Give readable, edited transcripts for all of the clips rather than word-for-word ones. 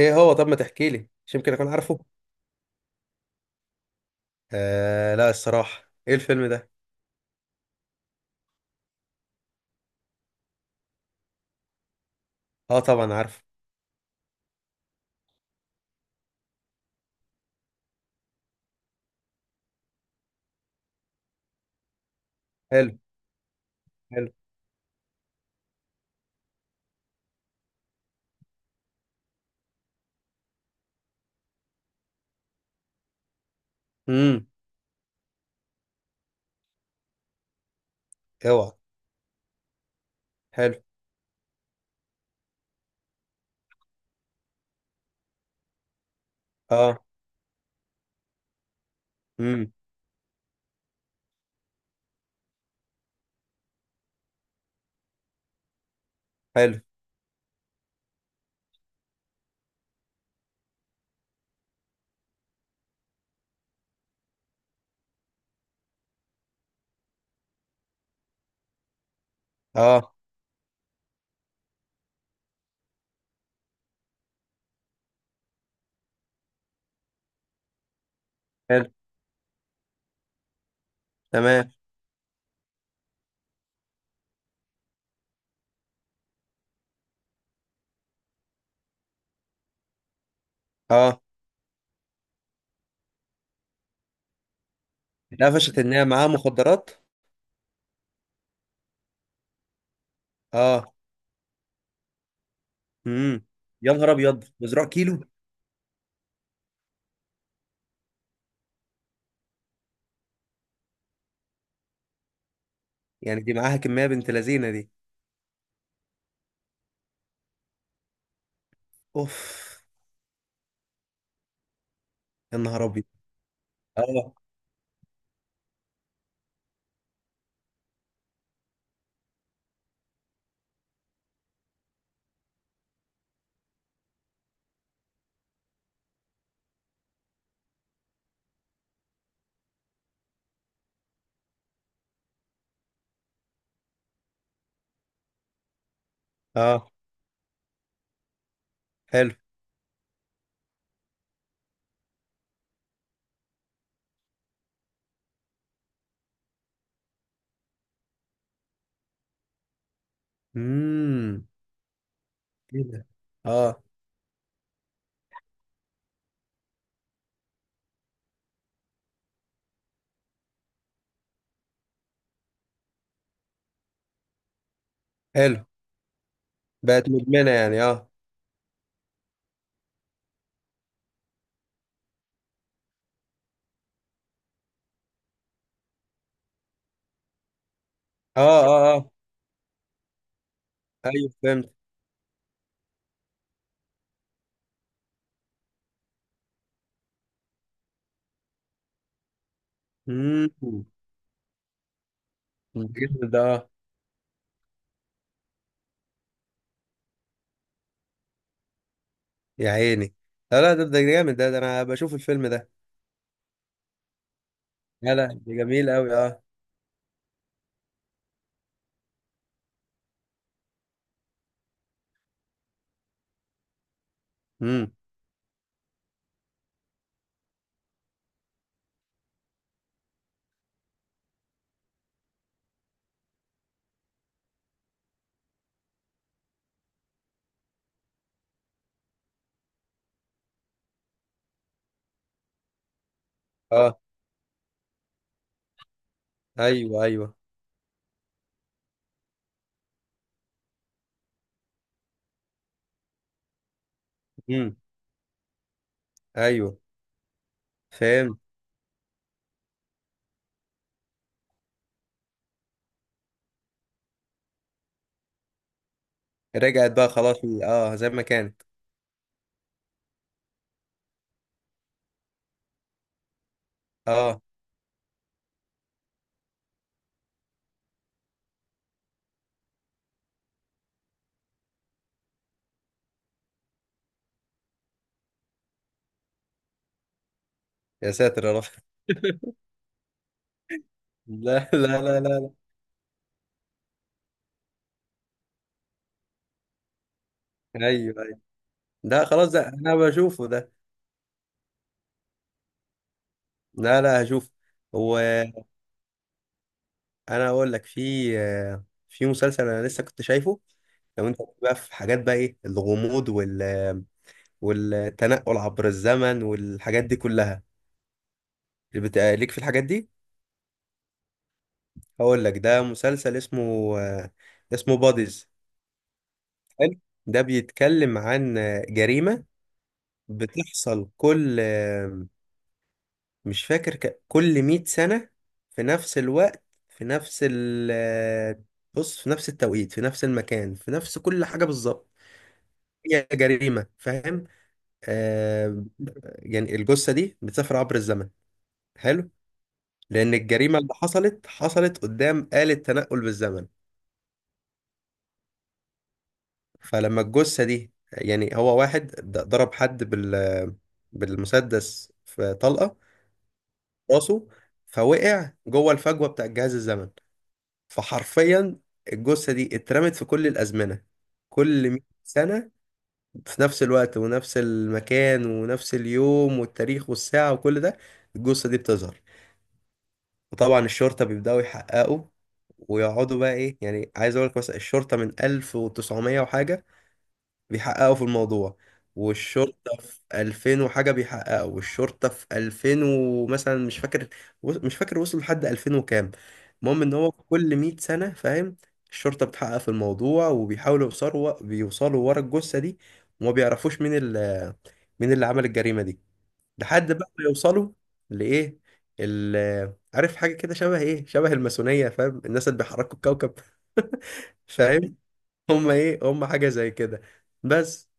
ايه هو طب ما تحكي لي، مش يمكن اكون عارفه؟ آه لا، الصراحه، ايه الفيلم ده؟ اه، طبعا عارفه. حلو. حلو. امم. اوعى. حلو. اه. امم. حلو. اه. حلو. تمام. اه، اتقفشت ان هي معاها مخدرات. اه. امم. يا نهار ابيض، مزروع كيلو! يعني دي معاها كميه، بنت لذينه دي! اوف. يا نهار ابيض. اه، اه. حلو. امم. ايه ده؟ اه. حلو. بقت مدمنه يعني، اه، اه، اه. اه. ايوه، فهمت. امم. جامد ده، اه. يا عيني. لا لا، ده جامد ده، ده انا بشوف الفيلم ده. لا لا، ده جميل قوي، اه. امم. اه. ايوه، ايوه. امم. ايوه. فاهم. رجعت بقى خلاص؟ اه، زي ما كانت. اه. يا ساتر يا رب. لا، لا، لا، لا. لا، ايوه، ايوه. ده خلاص، ده انا بشوفه ده. لا لا، هشوف. وانا اقول لك، في مسلسل انا لسه كنت شايفه. لو انت بقى في حاجات، بقى ايه الغموض، وال... والتنقل عبر الزمن والحاجات دي كلها. ليك في الحاجات دي. هقول لك، ده مسلسل اسمه... آه، اسمه باديز. حلو. ده بيتكلم عن جريمة بتحصل كل، مش فاكر كل 100 سنة، في نفس الوقت، في نفس ال آه، بص في نفس التوقيت، في نفس المكان، في نفس كل حاجة بالظبط. هي جريمة، فاهم؟ آه. يعني الجثة دي بتسافر عبر الزمن. حلو. لأن الجريمة اللي حصلت، حصلت قدام آلة تنقل بالزمن. فلما الجثة دي، يعني هو واحد ضرب حد بالمسدس في طلقة راسه، فوقع جوه الفجوة بتاع الجهاز الزمن. فحرفيا، الجثة دي اترمت في كل الأزمنة. كل 100 سنة، في نفس الوقت ونفس المكان ونفس اليوم والتاريخ والساعة وكل ده، الجثة دي بتظهر. وطبعا الشرطة بيبدأوا يحققوا، ويقعدوا بقى، ايه يعني، عايز اقول لك مثلا الشرطة من 1900 وحاجة بيحققوا في الموضوع، والشرطة في 2000 وحاجة بيحققوا، والشرطة في 2000 ومثلا مش فاكر، مش فاكر وصل لحد 2000 وكام. المهم ان هو كل 100 سنة، فاهم؟ الشرطة بتحقق في الموضوع وبيحاولوا يوصلوا، بيوصلوا ورا الجثة دي. وما بيعرفوش مين ال... مين اللي عمل الجريمة دي. لحد بقى ما يوصلوا لإيه؟ ال عارف حاجة كده، شبه إيه، شبه الماسونية، فاهم؟ الناس اللي بيحركوا الكوكب. فاهم؟ هم إيه، هم حاجة زي كده. بس.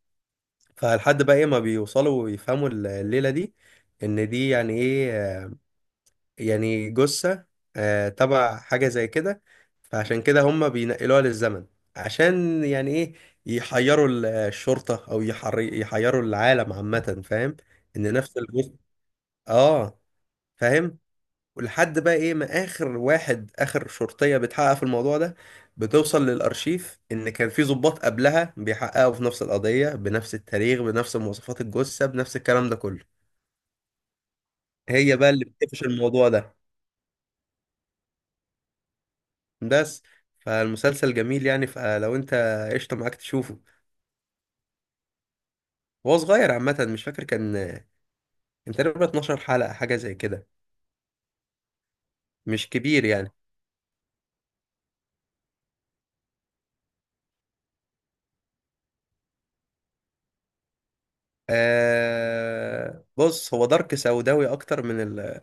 فلحد بقى ايه ما بيوصلوا ويفهموا الليلة دي، ان دي يعني ايه، يعني جثة تبع حاجة زي كده. فعشان كده هم بينقلوها للزمن، عشان يعني ايه، يحيروا الشرطة، او يحيروا العالم عامة، فاهم؟ ان نفس الجثة. اه. فاهم. ولحد بقى ايه، ما اخر شرطية بتحقق في الموضوع ده، بتوصل للارشيف ان كان في ضباط قبلها بيحققوا في نفس القضية، بنفس التاريخ، بنفس مواصفات الجثة، بنفس الكلام ده كله. هي بقى اللي بتقفش الموضوع ده. بس. فالمسلسل جميل يعني، فلو انت قشطة معاك تشوفه. هو صغير عامة، مش فاكر كان تقريبا 12 حلقة، حاجة زي كده. مش كبير يعني. آه، بص، هو دارك سوداوي اكتر من ال...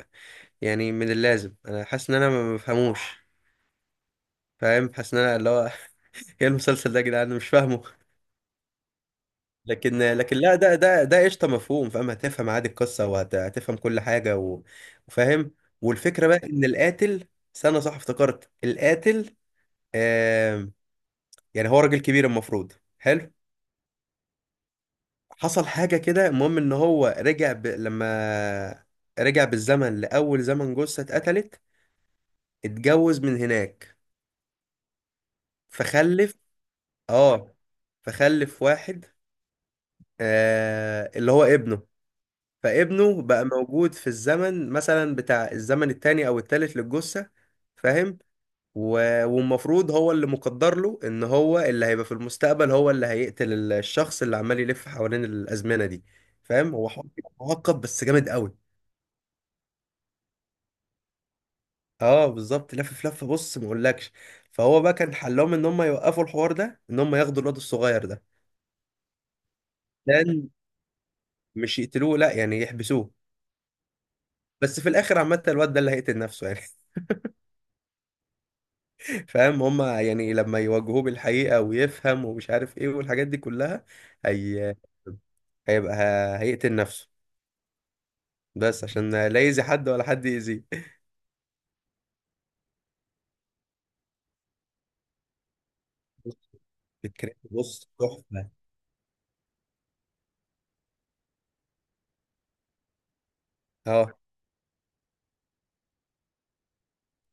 يعني من اللازم، انا حاسس ان انا ما بفهموش. فاهم، حاسس ان انا اللي هو... ايه المسلسل ده يا جدعان، انا مش فاهمه! لكن لا، ده قشطه، مفهوم، فاهم، هتفهم عادي القصه، وهتفهم كل حاجه وفاهم. والفكره بقى ان القاتل... استنى، صح، افتكرت القاتل، آم، يعني هو راجل كبير المفروض. حلو. حصل حاجه كده، المهم ان هو رجع لما رجع بالزمن لاول زمن جثه اتقتلت، اتجوز من هناك، فخلف. اه. فخلف واحد اللي هو ابنه. فابنه بقى موجود في الزمن مثلا، بتاع الزمن التاني او التالت للجثة، فاهم. والمفروض هو اللي مقدر له ان هو اللي هيبقى في المستقبل، هو اللي هيقتل الشخص اللي عمال يلف حوالين الازمنة دي، فاهم. هو حوار كده معقد، بس جامد قوي. اه بالظبط، لف لفه، بص ما اقولكش. فهو بقى كان حلهم ان هم يوقفوا الحوار ده، ان هم ياخدوا الواد الصغير ده. لان... مش يقتلوه، لا يعني يحبسوه. بس في الاخر عامه الواد ده اللي هيقتل نفسه يعني. فاهم، هما يعني لما يواجهوه بالحقيقة، ويفهم، ومش عارف ايه والحاجات دي كلها. هي... هيبقى... هيقتل نفسه. بس عشان لا يأذي حد ولا حد يأذيه. فكرة بص تحفة. اه،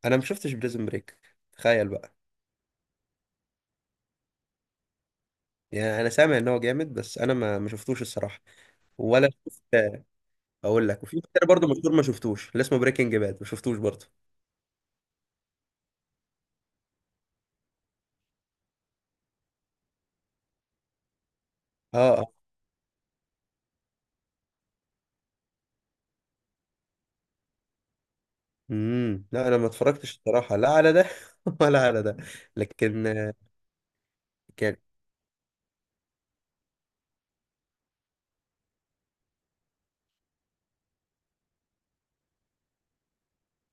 انا ما شفتش بريزن بريك. تخيل بقى. يعني انا سامع ان هو جامد، بس انا ما شفتوش الصراحة. ولا شفت. اقول لك، وفي كتير برضه مشهور ما شفتوش، اللي اسمه بريكنج باد ما شفتوش برضه. اه، اه. امم. لا، انا ما اتفرجتش الصراحة، لا على ده. ولا على ده. لكن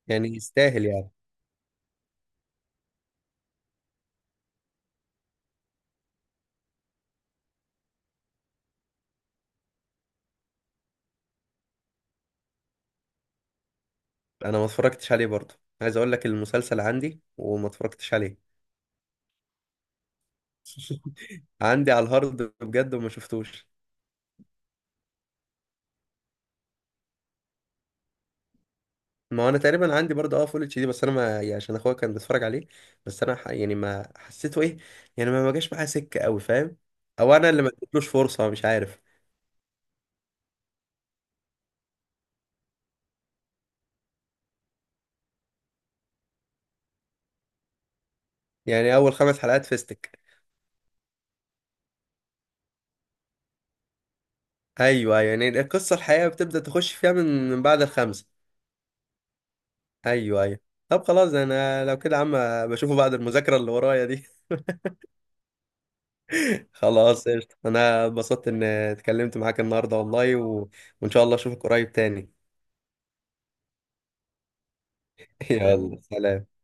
يعني، يستاهل يعني؟ انا ما اتفرجتش عليه برضه. عايز اقول لك، المسلسل عندي وما اتفرجتش عليه. عندي على الهارد بجد وما شفتوش. ما انا تقريبا عندي برضه، اه، فول اتش دي، بس انا ما يعني، عشان اخويا كان بيتفرج عليه. بس انا يعني ما حسيته ايه. يعني ما جاش معايا سكه قوي، فاهم؟ او انا اللي ما اديتلوش فرصه، مش عارف. يعني، اول خمس حلقات فيستك؟ ايوه، أيوه. يعني القصه الحقيقه بتبدا تخش فيها من بعد الخمسه. ايوه، ايوه. طب خلاص، انا لو كده يا عم، بشوفه بعد المذاكره اللي ورايا دي. خلاص قشطة، انا اتبسطت ان اتكلمت معاك النهارده والله، و... وان شاء الله اشوفك قريب تاني. يلا سلام.